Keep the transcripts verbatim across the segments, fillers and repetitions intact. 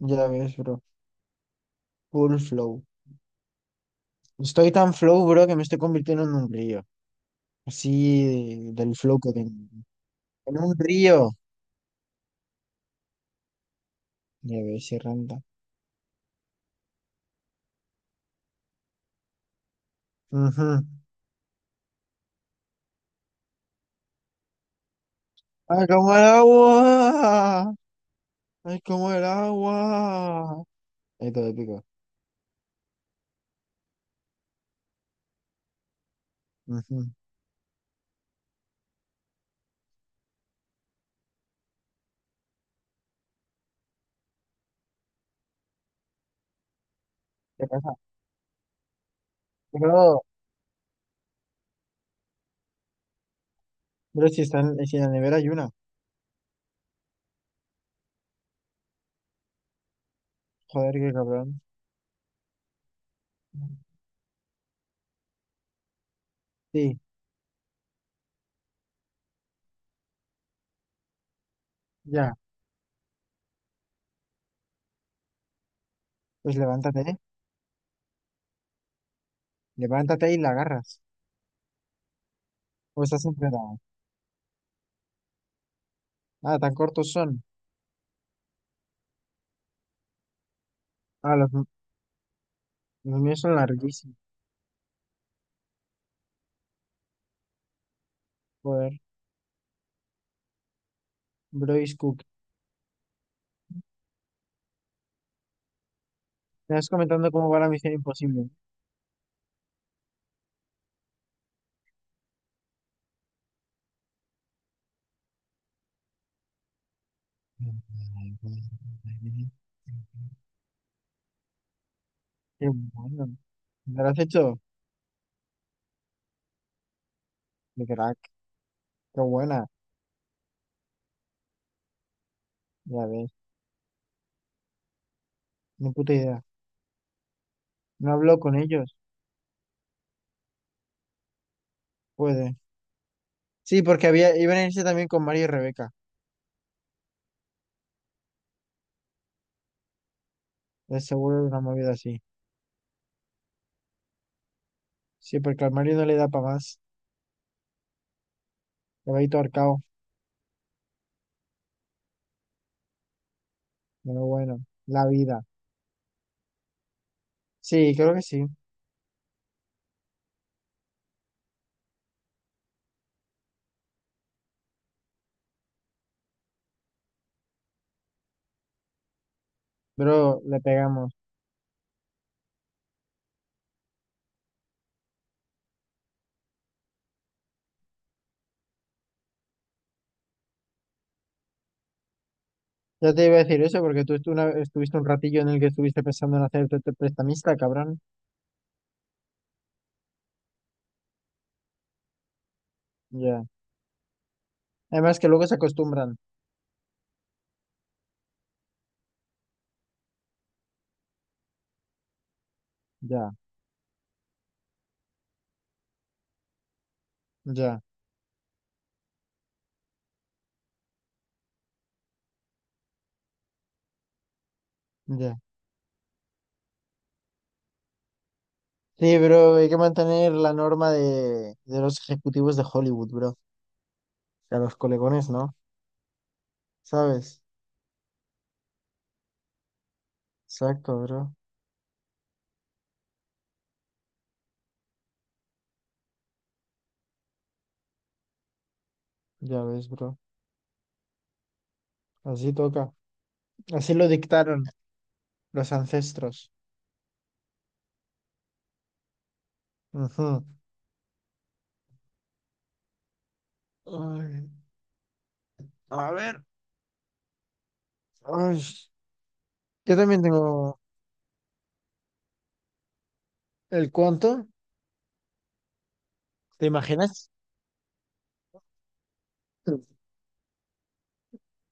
Ya ves, bro. Full flow. Estoy tan flow, bro, que me estoy convirtiendo en un río. Así de- del flow que tengo. En un río. Ya ves, se renta. Ujú. ¡Ay, como el agua! ¡Ay, como el agua! Ahí todo épico. Ujú. ¿Qué pasa? Bro, bro, si están, si en la nevera hay una. Joder, qué cabrón. Sí, ya. Pues levántate, ¿eh? Levántate y la agarras. O estás enredado. Ah, tan cortos son. Ah, los, los míos son larguísimos. Joder. Brois Cook. Me vas comentando cómo va la misión imposible. Qué bueno. ¿Me lo has hecho? Qué crack. Qué buena. Ya ves. Ni puta idea. No habló con ellos. Puede. Sí, porque había, iban a irse también con Mario y Rebeca. Es seguro una movida así. Sí, porque al Mario no le da para más. Le va a ir todo arcao. Pero bueno. La vida. Sí, creo que sí. Bro, le pegamos. Ya te iba a decir eso porque tú estu- una- estuviste un ratillo en el que estuviste pensando en hacerte prestamista, cabrón. Ya. Además que luego se acostumbran. Ya, ya, ya. Sí, bro, hay que mantener la norma de, de los ejecutivos de Hollywood, bro. Y a los colegones, ¿no? ¿Sabes? Exacto, bro. Ya ves, bro. Así toca. Así lo dictaron los ancestros. Ujú. Ay, a ver. Ay, yo también tengo el cuánto. ¿Te imaginas?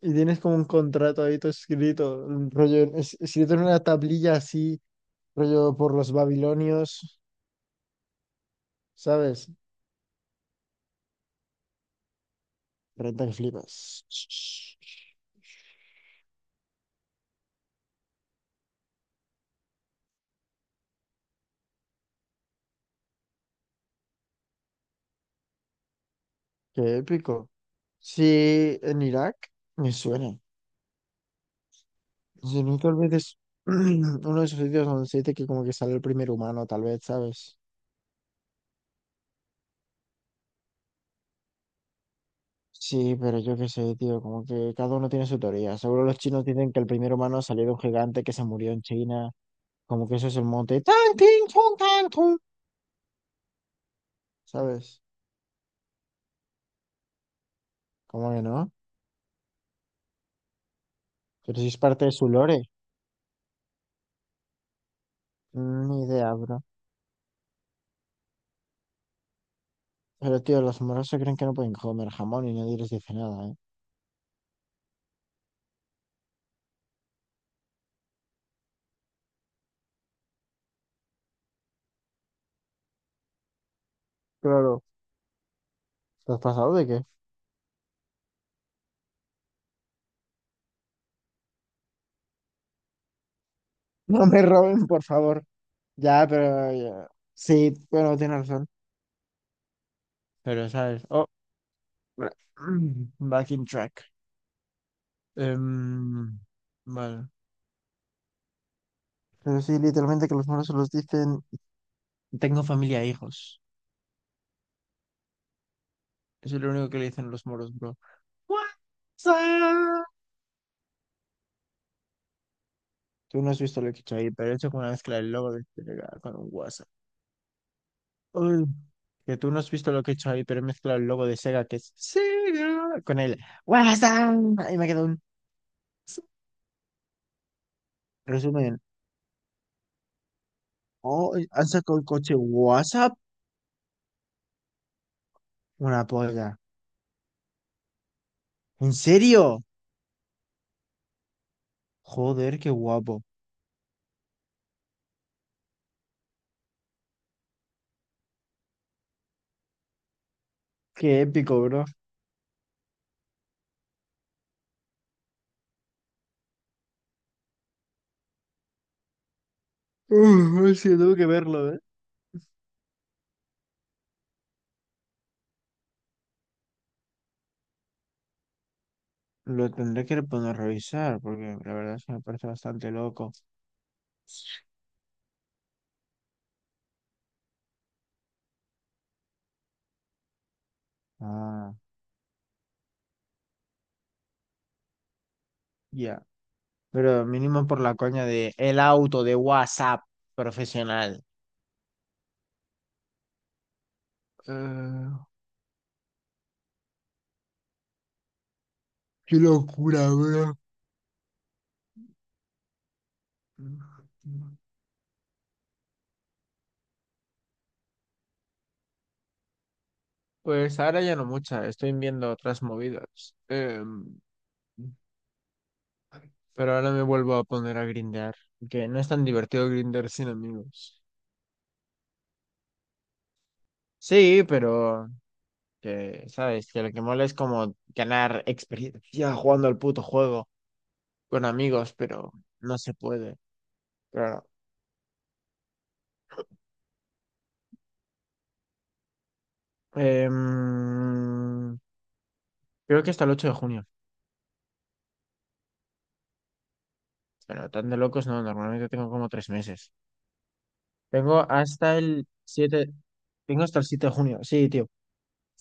Y tienes como un contrato ahí todo escrito, un rollo, es- escrito en una tablilla así, rollo por los babilonios. ¿Sabes? Renta que flipas. Qué épico. Sí, en Irak me suena. Si no, tal vez es uno de esos sitios donde se dice que como que sale el primer humano, tal vez, ¿sabes? Sí, pero yo qué sé, tío, como que cada uno tiene su teoría. Seguro los chinos dicen que el primer humano salió de un gigante que se murió en China. Como que eso es el monte. Tan, tin, tun, tan, tun, ¿sabes? ¿Cómo que no? Pero si es parte de su lore. Mm, ni idea, bro. Pero tío, los moros se creen que no pueden comer jamón y nadie les dice nada, ¿eh? Claro. ¿Estás pasado de qué? No me roben, por favor. Ya, pero... ya. Sí, bueno, tienes razón. Pero, ¿sabes? Oh, bra- back in track. Em, vale. Pero sí, literalmente que los moros se los dicen... Tengo familia e hijos. Eso es lo único que le dicen los moros, bro. What's up? Tú no has visto lo que he hecho ahí, pero he hecho como una mezcla del logo de Telegram con un WhatsApp. Uy, que tú no has visto lo que he hecho ahí, pero he mezclado el logo de Sega, que es Sega, con el WhatsApp. Y me quedó un resumen. Oh, han sacado el coche WhatsApp. Una polla. ¿En serio? Joder, qué guapo. Qué épico, bro. Uh, sí, tengo que verlo, ¿eh? Lo tendré que poner a revisar, porque la verdad es que me parece bastante loco. Ah, ya. Pero mínimo por la coña de el auto de WhatsApp profesional. Eh, qué locura, bro. Pues ahora ya no mucha, estoy viendo otras movidas. Em, pero ahora me vuelvo a poner a grindear, que no es tan divertido grindear sin amigos. Sí, pero que, sabes, que lo que mola es como ganar experiencia jugando al puto juego con amigos, pero no se puede. Claro. Em, creo que hasta el ocho de junio, pero tan de locos no, normalmente tengo como tres meses. Tengo hasta el siete, tengo hasta el siete de junio, sí, tío.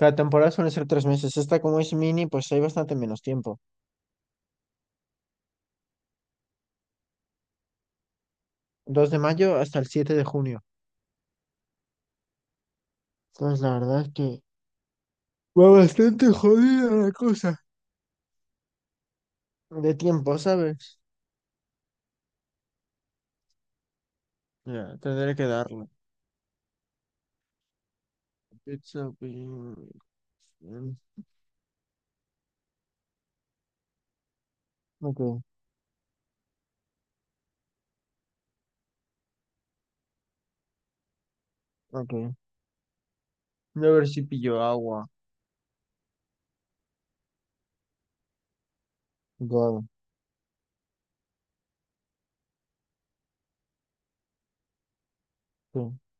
La temporada suele ser tres meses. Esta, como es mini, pues hay bastante menos tiempo. Dos de mayo hasta el siete de junio. Entonces, la verdad es que va bastante jodida la cosa. De tiempo, ¿sabes? Ya, tendré que darle. Pizza, pi- mm, ok, ok. Voy a ver si pillo agua. God, sí.